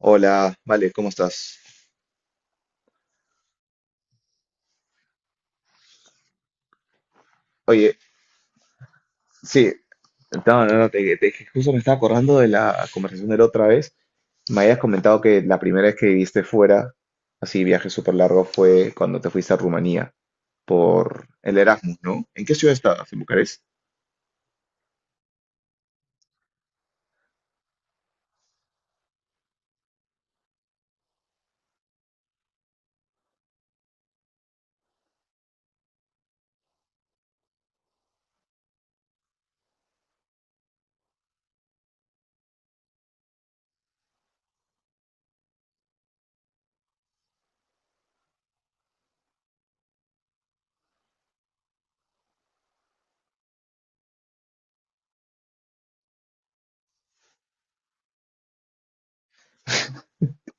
Hola, vale, ¿cómo estás? Oye, sí, no, justo me estaba acordando de la conversación de la otra vez. Me habías comentado que la primera vez que viviste fuera, así viaje súper largo, fue cuando te fuiste a Rumanía por el Erasmus, ¿no? ¿En qué ciudad estabas? ¿En Bucarest?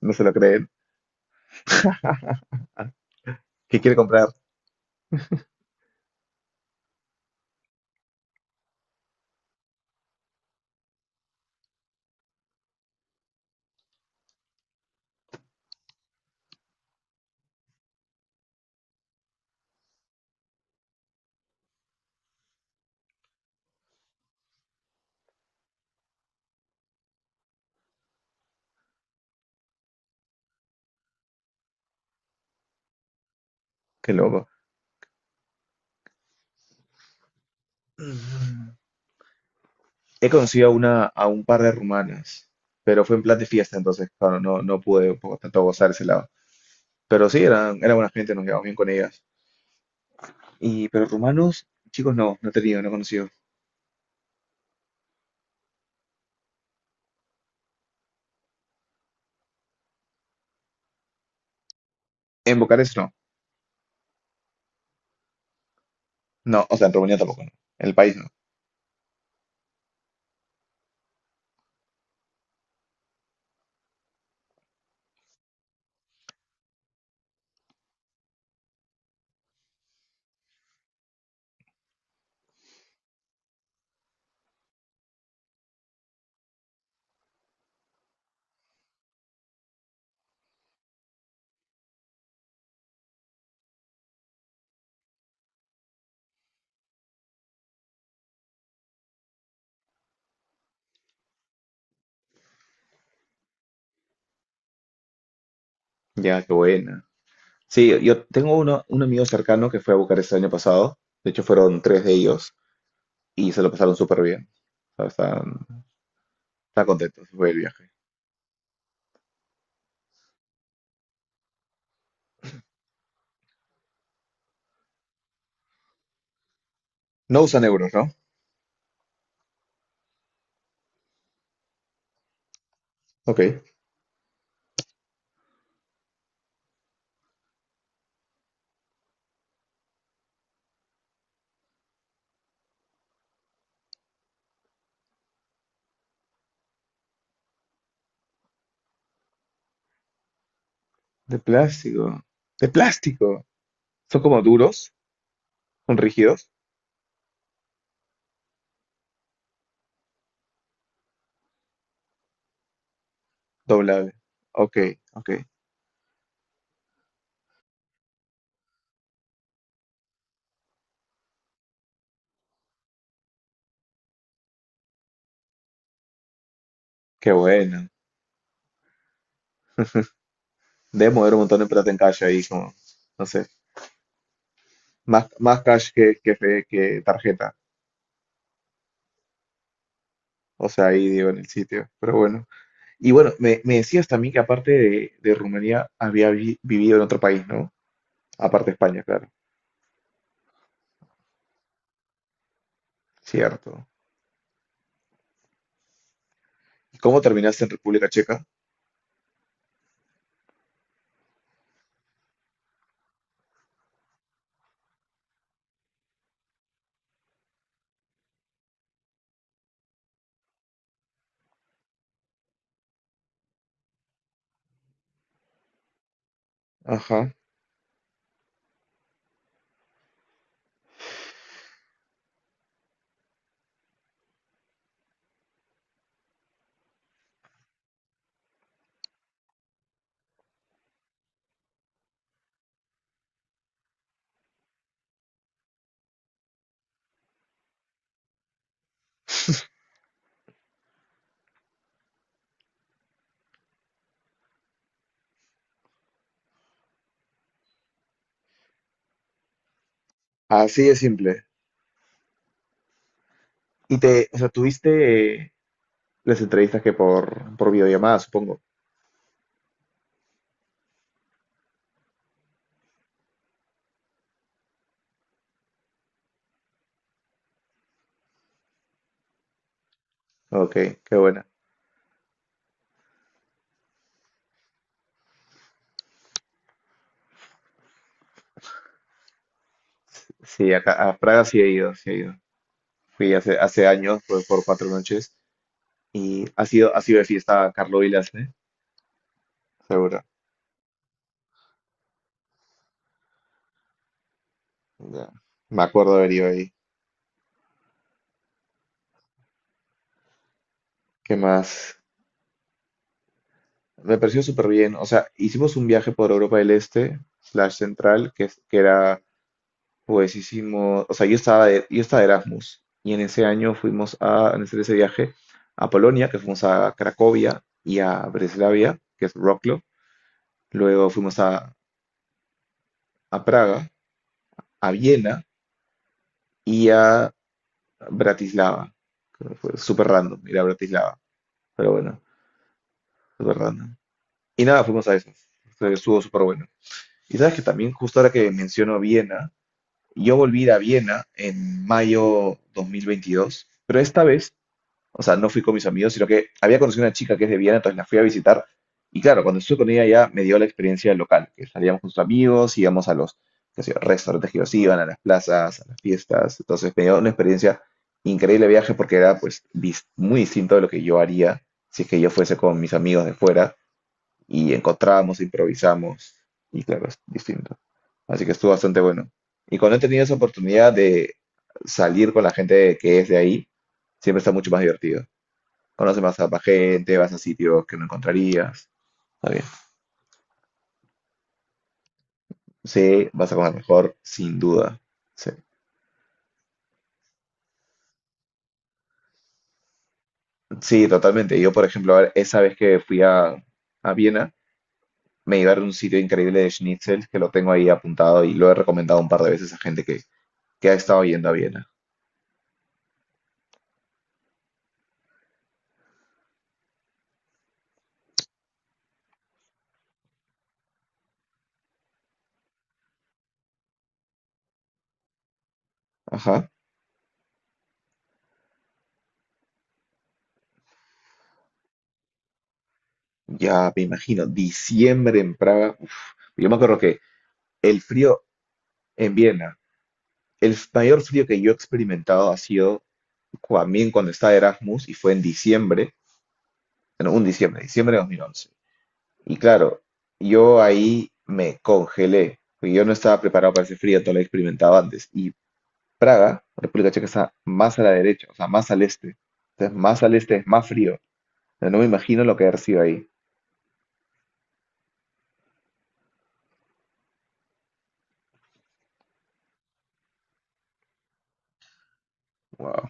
No se lo creen. ¿Qué quiere comprar? Qué loco. Mm. He conocido a una, a un par de rumanas, pero fue en plan de fiesta, entonces, claro, no pude por tanto gozar ese lado. Pero sí, eran, era buena gente, nos llevamos bien con ellas. Y, pero rumanos, chicos, no, no he conocido. En Bucarest no. No, o sea, en Rumanía tampoco, ¿no? En el país no. Ya, qué buena. Sí, yo tengo un amigo cercano que fue a Bucarest el año pasado. De hecho, fueron tres de ellos y se lo pasaron súper bien. O sea, están contentos, fue el viaje. No usan euros, ¿no? Ok. De plástico. De plástico. Son como duros, son rígidos, doblables. Ok, ok. Qué bueno. Debe mover un montón de plata en calle ahí, como, no sé. Más cash que tarjeta. O sea, ahí digo en el sitio. Pero bueno. Y bueno, me decías también que aparte de Rumanía había vivido en otro país, ¿no? Aparte de España, claro. Cierto. ¿Y cómo terminaste en República Checa? Ajá. Así de simple. Y te, o sea, tuviste las entrevistas que por videollamada, supongo. Ok, qué buena. Sí, acá, a Praga sí he ido, sí he ido. Fui hace años, fue por cuatro noches. Y ha sido de fiesta Carlos Vilas, ¿eh? Seguro. Ya. Me acuerdo de haber ido ahí. ¿Qué más? Me pareció súper bien. O sea, hicimos un viaje por Europa del Este, slash central, que era, pues hicimos, o sea, yo estaba de Erasmus y en ese año en ese viaje a Polonia, que fuimos a Cracovia y a Breslavia, que es Wrocław. Luego a Praga, a Viena y a Bratislava. Que fue súper random ir a Bratislava, pero bueno, súper random. Y nada, fuimos a eso. Estuvo súper bueno. Y sabes que también justo ahora que menciono Viena, yo volví a ir a Viena en mayo 2022, pero esta vez, o sea, no fui con mis amigos, sino que había conocido una chica que es de Viena, entonces la fui a visitar. Y claro, cuando estuve con ella ya me dio la experiencia local, que salíamos con sus amigos, íbamos a los qué sé yo, restaurantes que ellos iban, a las plazas, a las fiestas. Entonces me dio una experiencia increíble de viaje porque era pues muy distinto de lo que yo haría si es que yo fuese con mis amigos de fuera y encontramos, improvisamos y claro, es distinto. Así que estuvo bastante bueno. Y cuando he tenido esa oportunidad de salir con la gente que es de ahí, siempre está mucho más divertido. Conoces más a más gente, vas a sitios que no encontrarías. Está bien. Sí, vas a comer mejor, sin duda. Sí, sí, totalmente. Yo, por ejemplo, esa vez que fui a Viena, me llevaron a un sitio increíble de schnitzel que lo tengo ahí apuntado y lo he recomendado un par de veces a gente que ha estado yendo a Viena. Ajá. Ya me imagino, diciembre en Praga. Uf. Yo me acuerdo que el frío en Viena, el mayor frío que yo he experimentado ha sido también cuando estaba de Erasmus y fue en diciembre, en un diciembre, diciembre de 2011. Y claro, yo ahí me congelé, porque yo no estaba preparado para ese frío, no lo he experimentado antes. Y Praga, República Checa, está más a la derecha, o sea, más al este. Entonces, más al este es más frío. O sea, no me imagino lo que ha sido ahí. Wow,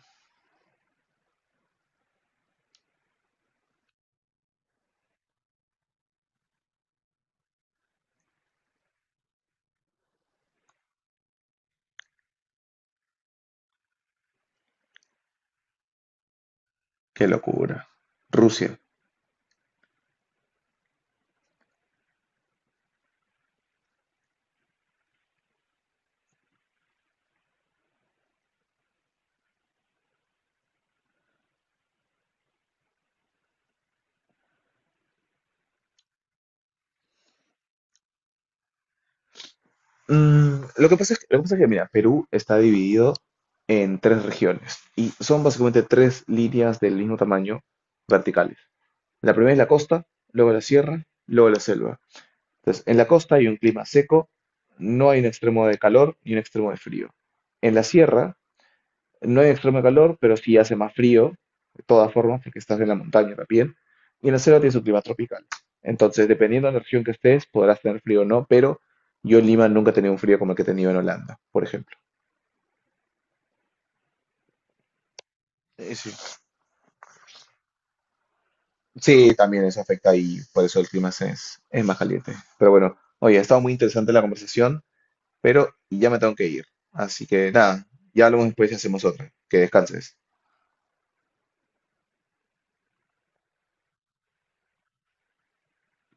qué locura. Rusia. Mm, lo que pasa es que, mira, Perú está dividido en tres regiones y son básicamente tres líneas del mismo tamaño verticales. La primera es la costa, luego la sierra, luego la selva. Entonces, en la costa hay un clima seco, no hay un extremo de calor y un extremo de frío. En la sierra no hay extremo calor, pero sí hace más frío, de todas formas, porque estás en la montaña también. Y en la selva tienes un clima tropical. Entonces, dependiendo de la región que estés, podrás tener frío o no, pero yo en Lima nunca he tenido un frío como el que he tenido en Holanda, por ejemplo. Sí, sí. Sí, también eso afecta y por eso el es más caliente. Pero bueno, oye, ha estado muy interesante la conversación, pero ya me tengo que ir. Así que nada, ya hablamos después y hacemos otra. Que descanses.